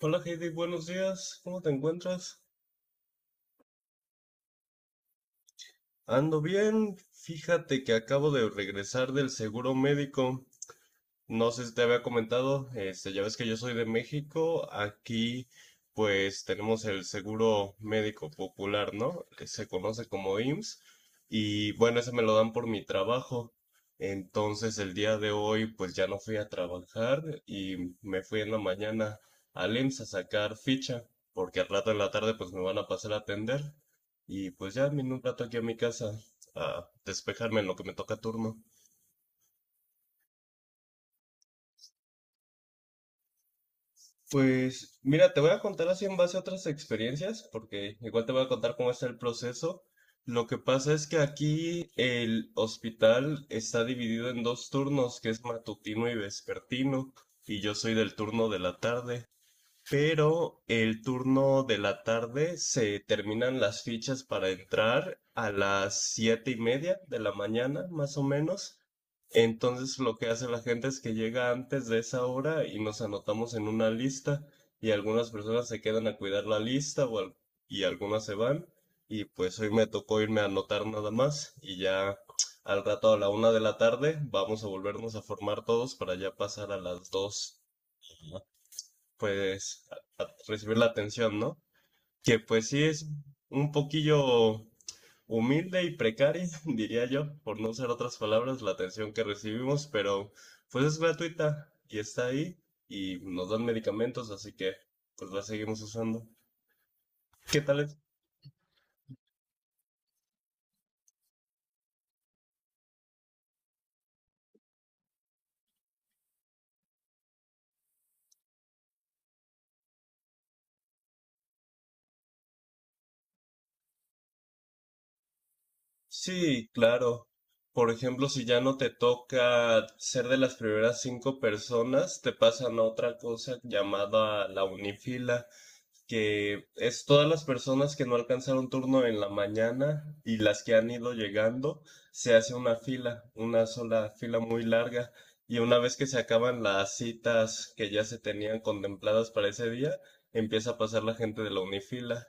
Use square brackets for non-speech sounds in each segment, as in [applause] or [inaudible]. Hola Heidi, buenos días, ¿cómo te encuentras? Ando bien, fíjate que acabo de regresar del seguro médico. No sé si te había comentado, ya ves que yo soy de México, aquí pues tenemos el seguro médico popular, ¿no? Que se conoce como IMSS y bueno, ese me lo dan por mi trabajo. Entonces el día de hoy pues ya no fui a trabajar y me fui en la mañana al IMSS a sacar ficha, porque al rato en la tarde pues me van a pasar a atender y pues ya vine un rato aquí a mi casa a despejarme en lo que me toca turno. Pues mira, te voy a contar así en base a otras experiencias, porque igual te voy a contar cómo está el proceso. Lo que pasa es que aquí el hospital está dividido en dos turnos, que es matutino y vespertino, y yo soy del turno de la tarde, pero el turno de la tarde se terminan las fichas para entrar a las 7:30 de la mañana, más o menos. Entonces lo que hace la gente es que llega antes de esa hora y nos anotamos en una lista, y algunas personas se quedan a cuidar la lista y algunas se van. Y pues hoy me tocó irme a anotar nada más, y ya al rato a la 1 de la tarde vamos a volvernos a formar todos para ya pasar a las 2, pues a recibir la atención, ¿no? Que pues sí es un poquillo humilde y precaria, [laughs] diría yo, por no usar otras palabras, la atención que recibimos, pero pues es gratuita y está ahí, y nos dan medicamentos, así que pues la seguimos usando. ¿Qué tal es? Sí, claro. Por ejemplo, si ya no te toca ser de las primeras cinco personas, te pasan a otra cosa llamada la unifila, que es todas las personas que no alcanzaron turno en la mañana y las que han ido llegando. Se hace una fila, una sola fila muy larga. Y una vez que se acaban las citas que ya se tenían contempladas para ese día, empieza a pasar la gente de la unifila.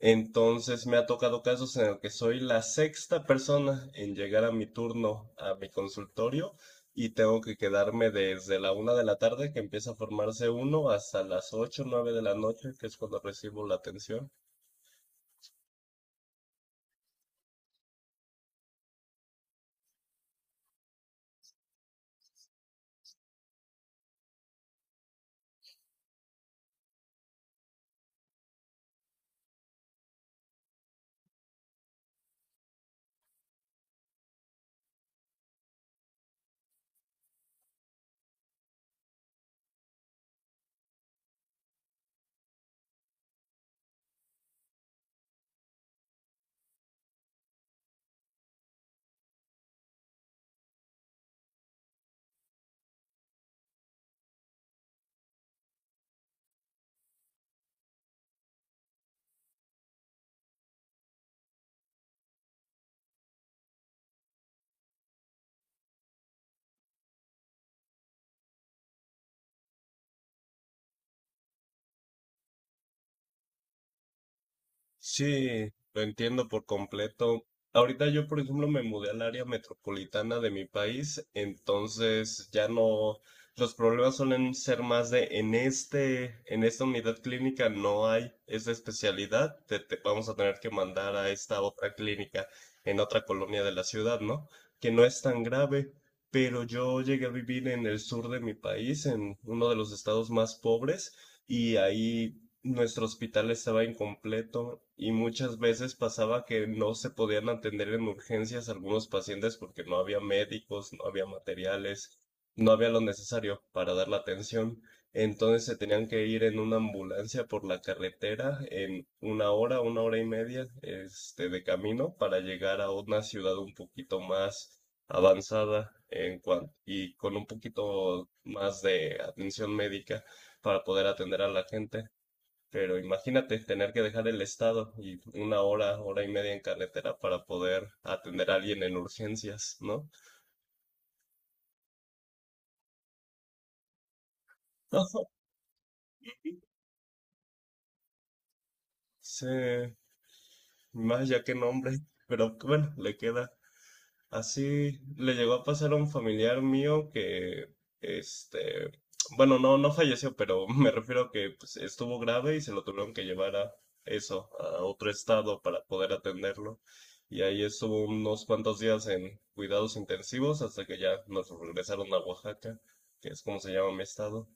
Entonces me ha tocado casos en el que soy la sexta persona en llegar a mi turno a mi consultorio, y tengo que quedarme desde la 1 de la tarde, que empieza a formarse uno, hasta las 8, 9 de la noche, que es cuando recibo la atención. Sí, lo entiendo por completo. Ahorita yo, por ejemplo, me mudé al área metropolitana de mi país, entonces ya no, los problemas suelen ser más de en esta unidad clínica no hay esa especialidad, te vamos a tener que mandar a esta otra clínica en otra colonia de la ciudad, ¿no? Que no es tan grave, pero yo llegué a vivir en el sur de mi país, en uno de los estados más pobres. Y ahí nuestro hospital estaba incompleto, y muchas veces pasaba que no se podían atender en urgencias algunos pacientes porque no había médicos, no había materiales, no había lo necesario para dar la atención. Entonces se tenían que ir en una ambulancia por la carretera en una hora y media, de camino para llegar a una ciudad un poquito más avanzada y con un poquito más de atención médica para poder atender a la gente. Pero imagínate tener que dejar el estado y una hora, hora y media en carretera para poder atender a alguien en urgencias, ¿no? [laughs] Sí, más ya que nombre, pero bueno, le queda. Así le llegó a pasar a un familiar mío que, este, bueno, no, no falleció, pero [laughs] me refiero a que pues, estuvo grave y se lo tuvieron que llevar a eso, a otro estado para poder atenderlo. Y ahí estuvo unos cuantos días en cuidados intensivos hasta que ya nos regresaron a Oaxaca, que es como se llama mi estado.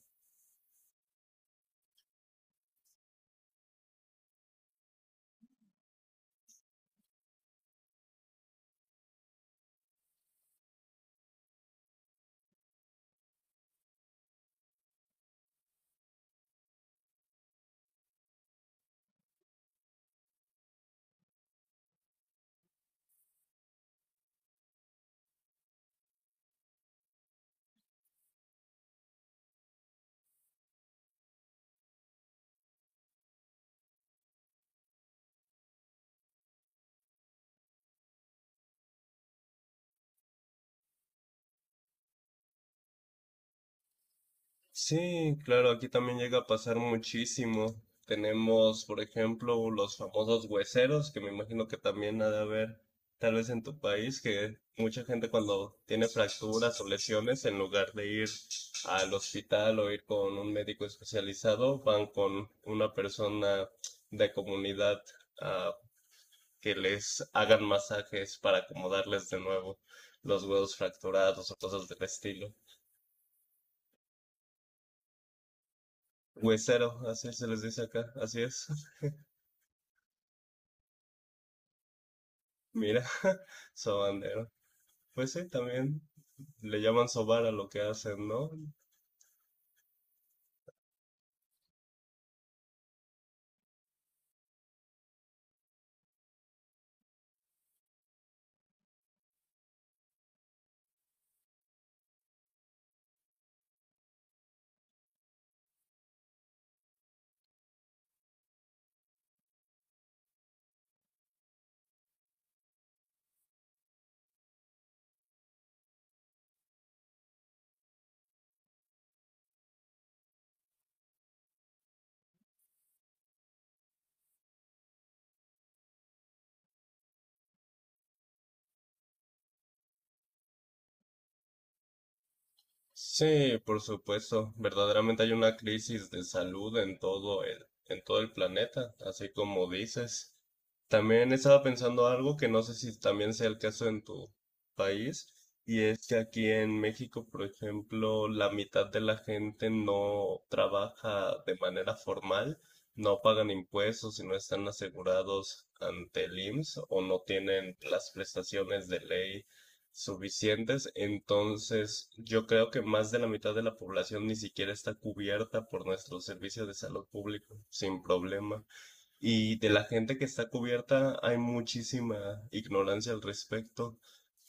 Sí, claro, aquí también llega a pasar muchísimo. Tenemos, por ejemplo, los famosos hueseros, que me imagino que también ha de haber, tal vez en tu país, que mucha gente cuando tiene fracturas o lesiones, en lugar de ir al hospital o ir con un médico especializado, van con una persona de comunidad, ah, que les hagan masajes para acomodarles de nuevo los huesos fracturados o cosas del estilo. Huesero, así se les dice acá, así es. [laughs] Mira, [laughs] sobandero. Pues sí, también le llaman sobar a lo que hacen, ¿no? Sí, por supuesto. Verdaderamente hay una crisis de salud en todo el planeta, así como dices. También estaba pensando algo que no sé si también sea el caso en tu país, y es que aquí en México, por ejemplo, la mitad de la gente no trabaja de manera formal, no pagan impuestos y no están asegurados ante el IMSS o no tienen las prestaciones de ley suficientes, entonces yo creo que más de la mitad de la población ni siquiera está cubierta por nuestro servicio de salud público, sin problema. Y de la gente que está cubierta hay muchísima ignorancia al respecto,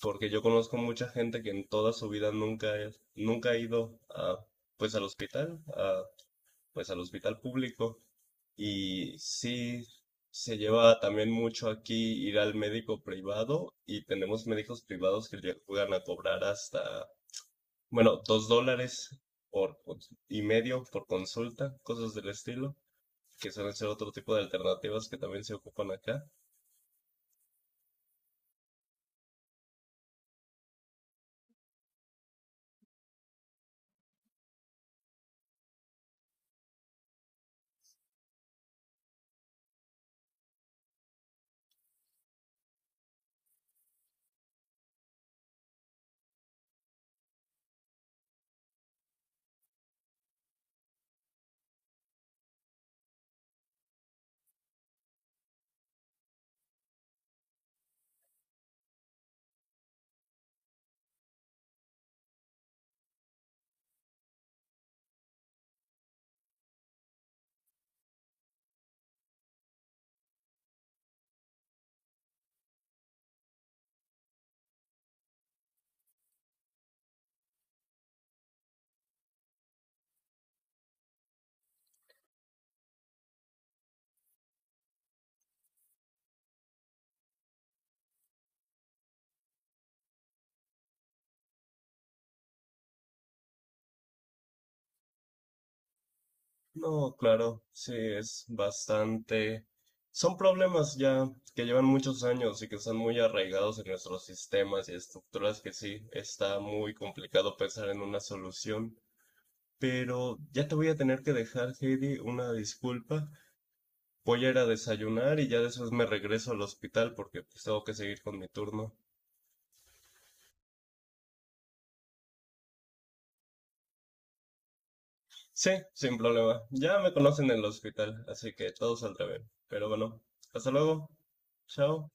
porque yo conozco mucha gente que en toda su vida nunca nunca ha ido a, pues al hospital, a, pues al hospital público. Y sí, se lleva también mucho aquí ir al médico privado, y tenemos médicos privados que llegan a cobrar hasta, bueno, $2 y medio por consulta, cosas del estilo, que suelen ser otro tipo de alternativas que también se ocupan acá. No, claro, sí, es bastante. Son problemas ya que llevan muchos años y que están muy arraigados en nuestros sistemas y estructuras que sí, está muy complicado pensar en una solución. Pero ya te voy a tener que dejar, Heidi, una disculpa. Voy a ir a desayunar y ya después me regreso al hospital porque pues, tengo que seguir con mi turno. Sí, sin problema. Ya me conocen en el hospital, así que todo saldrá bien. Pero bueno, hasta luego. Chao.